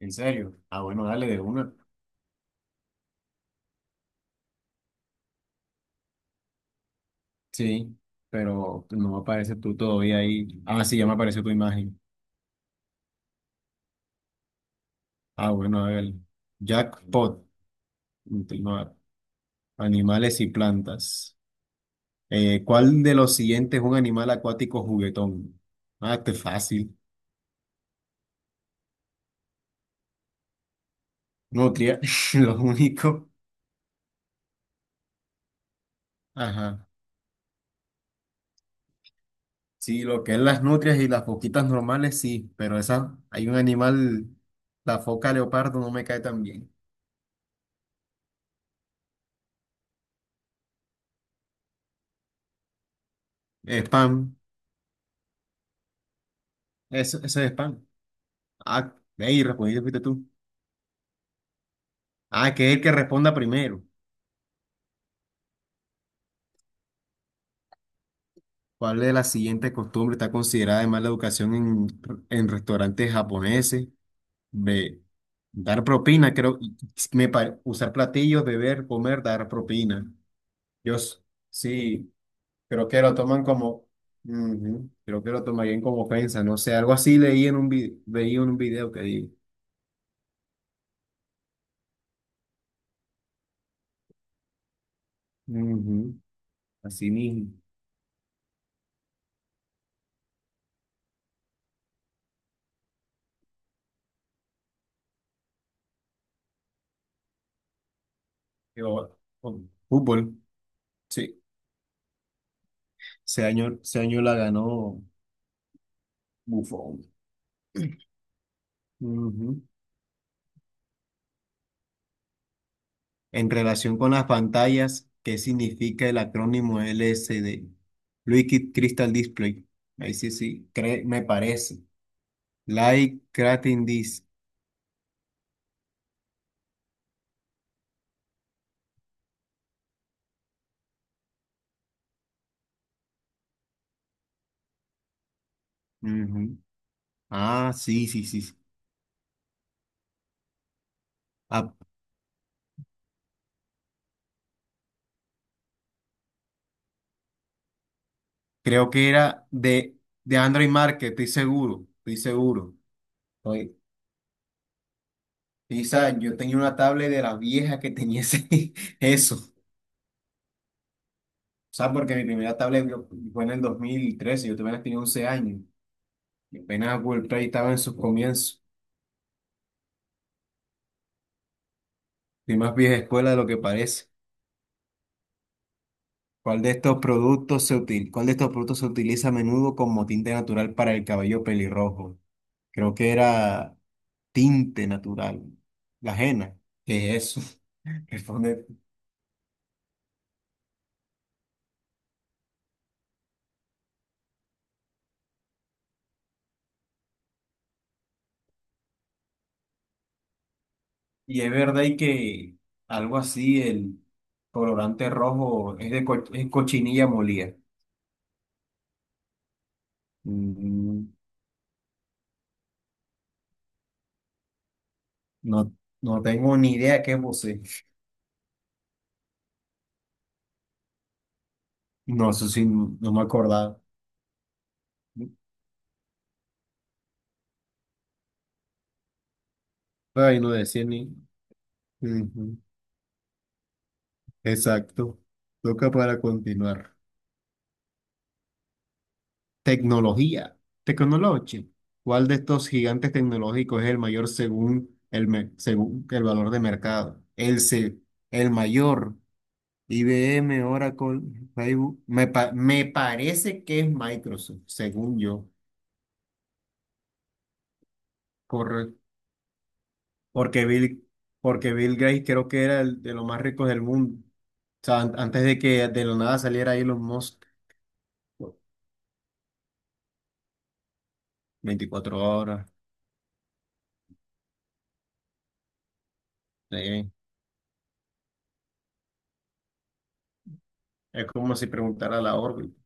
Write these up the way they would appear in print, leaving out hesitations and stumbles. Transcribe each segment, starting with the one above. ¿En serio? Ah, bueno, dale de una. Sí, pero no me aparece tú todavía ahí. Ah, sí, ya me apareció tu imagen. Ah, bueno, a ver. Jackpot. Continuar. Animales y plantas. ¿Cuál de los siguientes es un animal acuático juguetón? Ah, este es fácil. Nutria. Lo único. Ajá. Sí, lo que es las nutrias y las foquitas normales, sí, pero esa, hay un animal, la foca leopardo no me cae tan bien. Spam. Eso es spam. Ah, hey, respondiste fuiste tú. Ah, que es el que responda primero. ¿Cuál de las siguientes costumbres está considerada de mala educación en restaurantes japoneses? B. Dar propina, creo. Usar platillos, beber, comer, dar propina. Yo s- sí, creo que lo toman como. Ujú, creo que lo tomarían como ofensa. No sé, algo así leí en un video, veía en un video que digo. Ujú, así mismo. Oh, fútbol, sí. Ese año la ganó. Bufón. Ujú. En relación con las pantallas, ¿qué significa el acrónimo LCD? Liquid Crystal Display. Ahí sí, sí, me parece. Light Creating Disc. Ujú. Ah, sí, sí, sí. Sí. Ah, creo que era de Android Market, estoy seguro, estoy seguro. Oye, Pisa, yo tenía una tablet de las viejas que tenía eso. O sea, porque mi primera tablet fue en el 2013, yo apenas tenía 11 años. Pena Apple Pay estaba en sus comienzos y más vieja escuela de lo que parece. ¿ Cuál de estos productos se utiliza a menudo como tinte natural para el cabello pelirrojo? Creo que era tinte natural. La henna. ¿Qué es eso? Responde. Y es verdad y que algo así, el colorante rojo es cochinilla molida. Mm, no, no tengo ni idea qué es. No, eso sí, no me acordaba. Pero ahí no decía ni. Ujú, exacto. Toca para continuar. Tecnología. Tecnología. ¿Cuál de estos gigantes tecnológicos es el mayor según el valor de mercado? El mayor. IBM Oracle, Facebook. Me parece que es Microsoft, según yo. Correcto. Porque Bill, porque Bill Gates creo que era el de los más ricos del mundo. O sea, antes de que de la nada saliera Elon Musk. Veinticuatro horas. Sí. Es como si preguntara la órbita.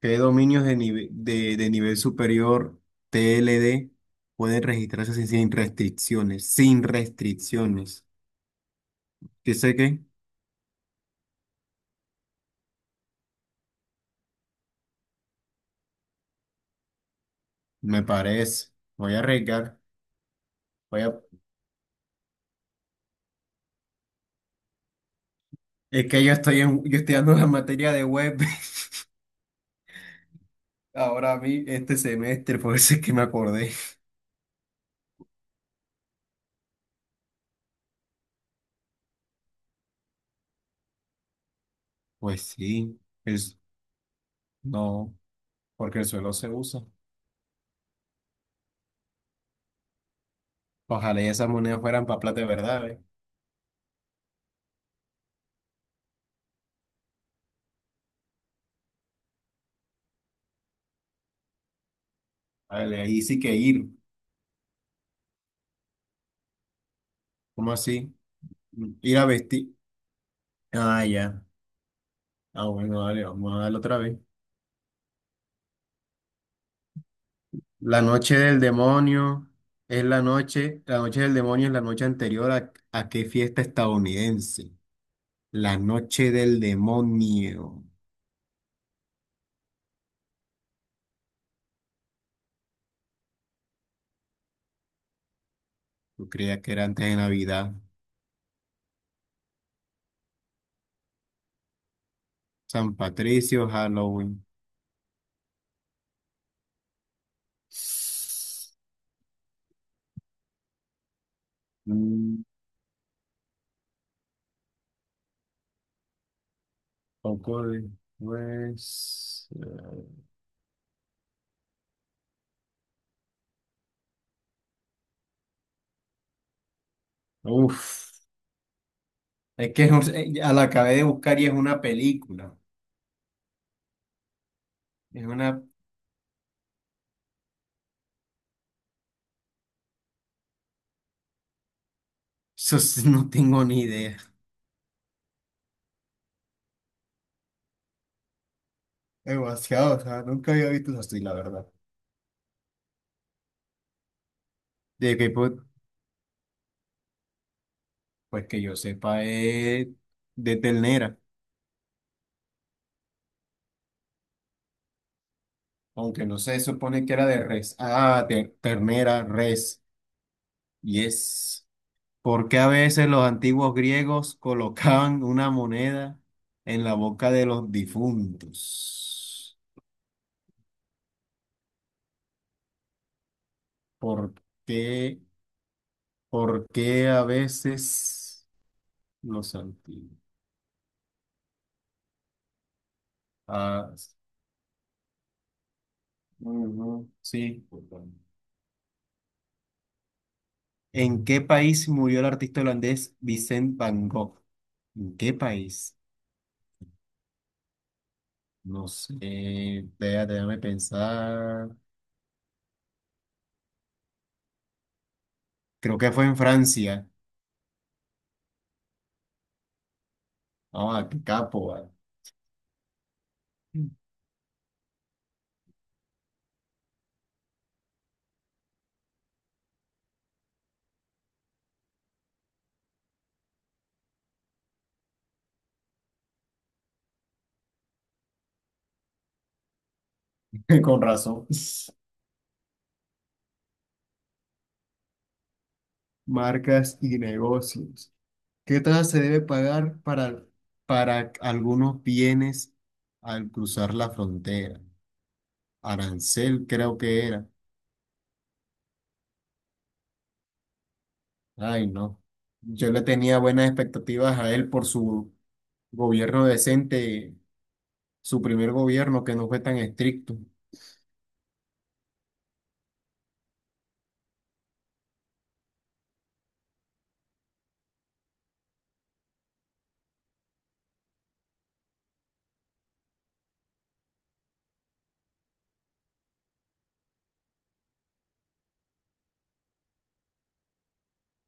¿Qué dominios de nivel superior TLD pueden registrarse sin restricciones? Sin restricciones. ¿Dice qué? Me parece. Voy a arriesgar. Voy a... Es que yo estoy dando la materia de web ahora a mí este semestre, por eso es que me acordé. Pues sí, es, no, porque el suelo se usa. Ojalá y esas monedas fueran para plata de verdad, ¿eh? Vale, ahí sí que ir. ¿Cómo así? Ir a vestir. Ah, ya. Ah, bueno, dale, vamos a darle otra vez. La noche del demonio es la noche del demonio es la noche anterior a qué fiesta estadounidense. La noche del demonio. Yo creía que era antes de Navidad. San Patricio, Halloween. Mm, poco de- pues, uf. Es que ya la acabé de buscar y es una película. Es una. No tengo ni idea. Demasiado, o sea, nunca había visto eso así, la verdad. De que, pues, que yo sepa, es de ternera, aunque no se supone que era de res. Ah, de ternera, res. Y es porque a veces los antiguos griegos colocaban una moneda en la boca de los difuntos. ¿Por qué? ¿Por qué a veces los antiguos? Ah, ujú, sí. ¿En qué país murió el artista holandés Vincent Van Gogh? ¿En qué país? No sé, vea, déjame pensar. Creo que fue en Francia. Ah, qué capo, va. Con razón. Marcas y negocios. ¿Qué tasa se debe pagar para algunos bienes al cruzar la frontera? Arancel, creo que era. Ay, no. Yo le tenía buenas expectativas a él por su gobierno decente, su primer gobierno que no fue tan estricto.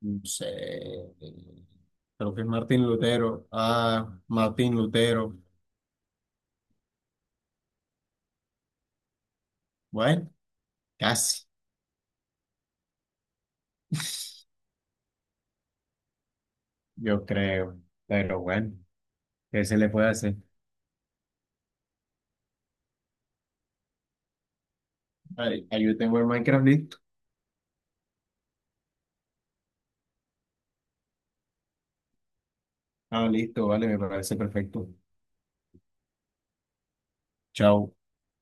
No sé, creo que es Martín Lutero. Ah, Martín Lutero. Bueno, casi, yo creo. Pero bueno, ¿qué se le puede hacer? Ahí yo tengo el Minecraft listo. Ah, listo, vale, me parece perfecto. Chao.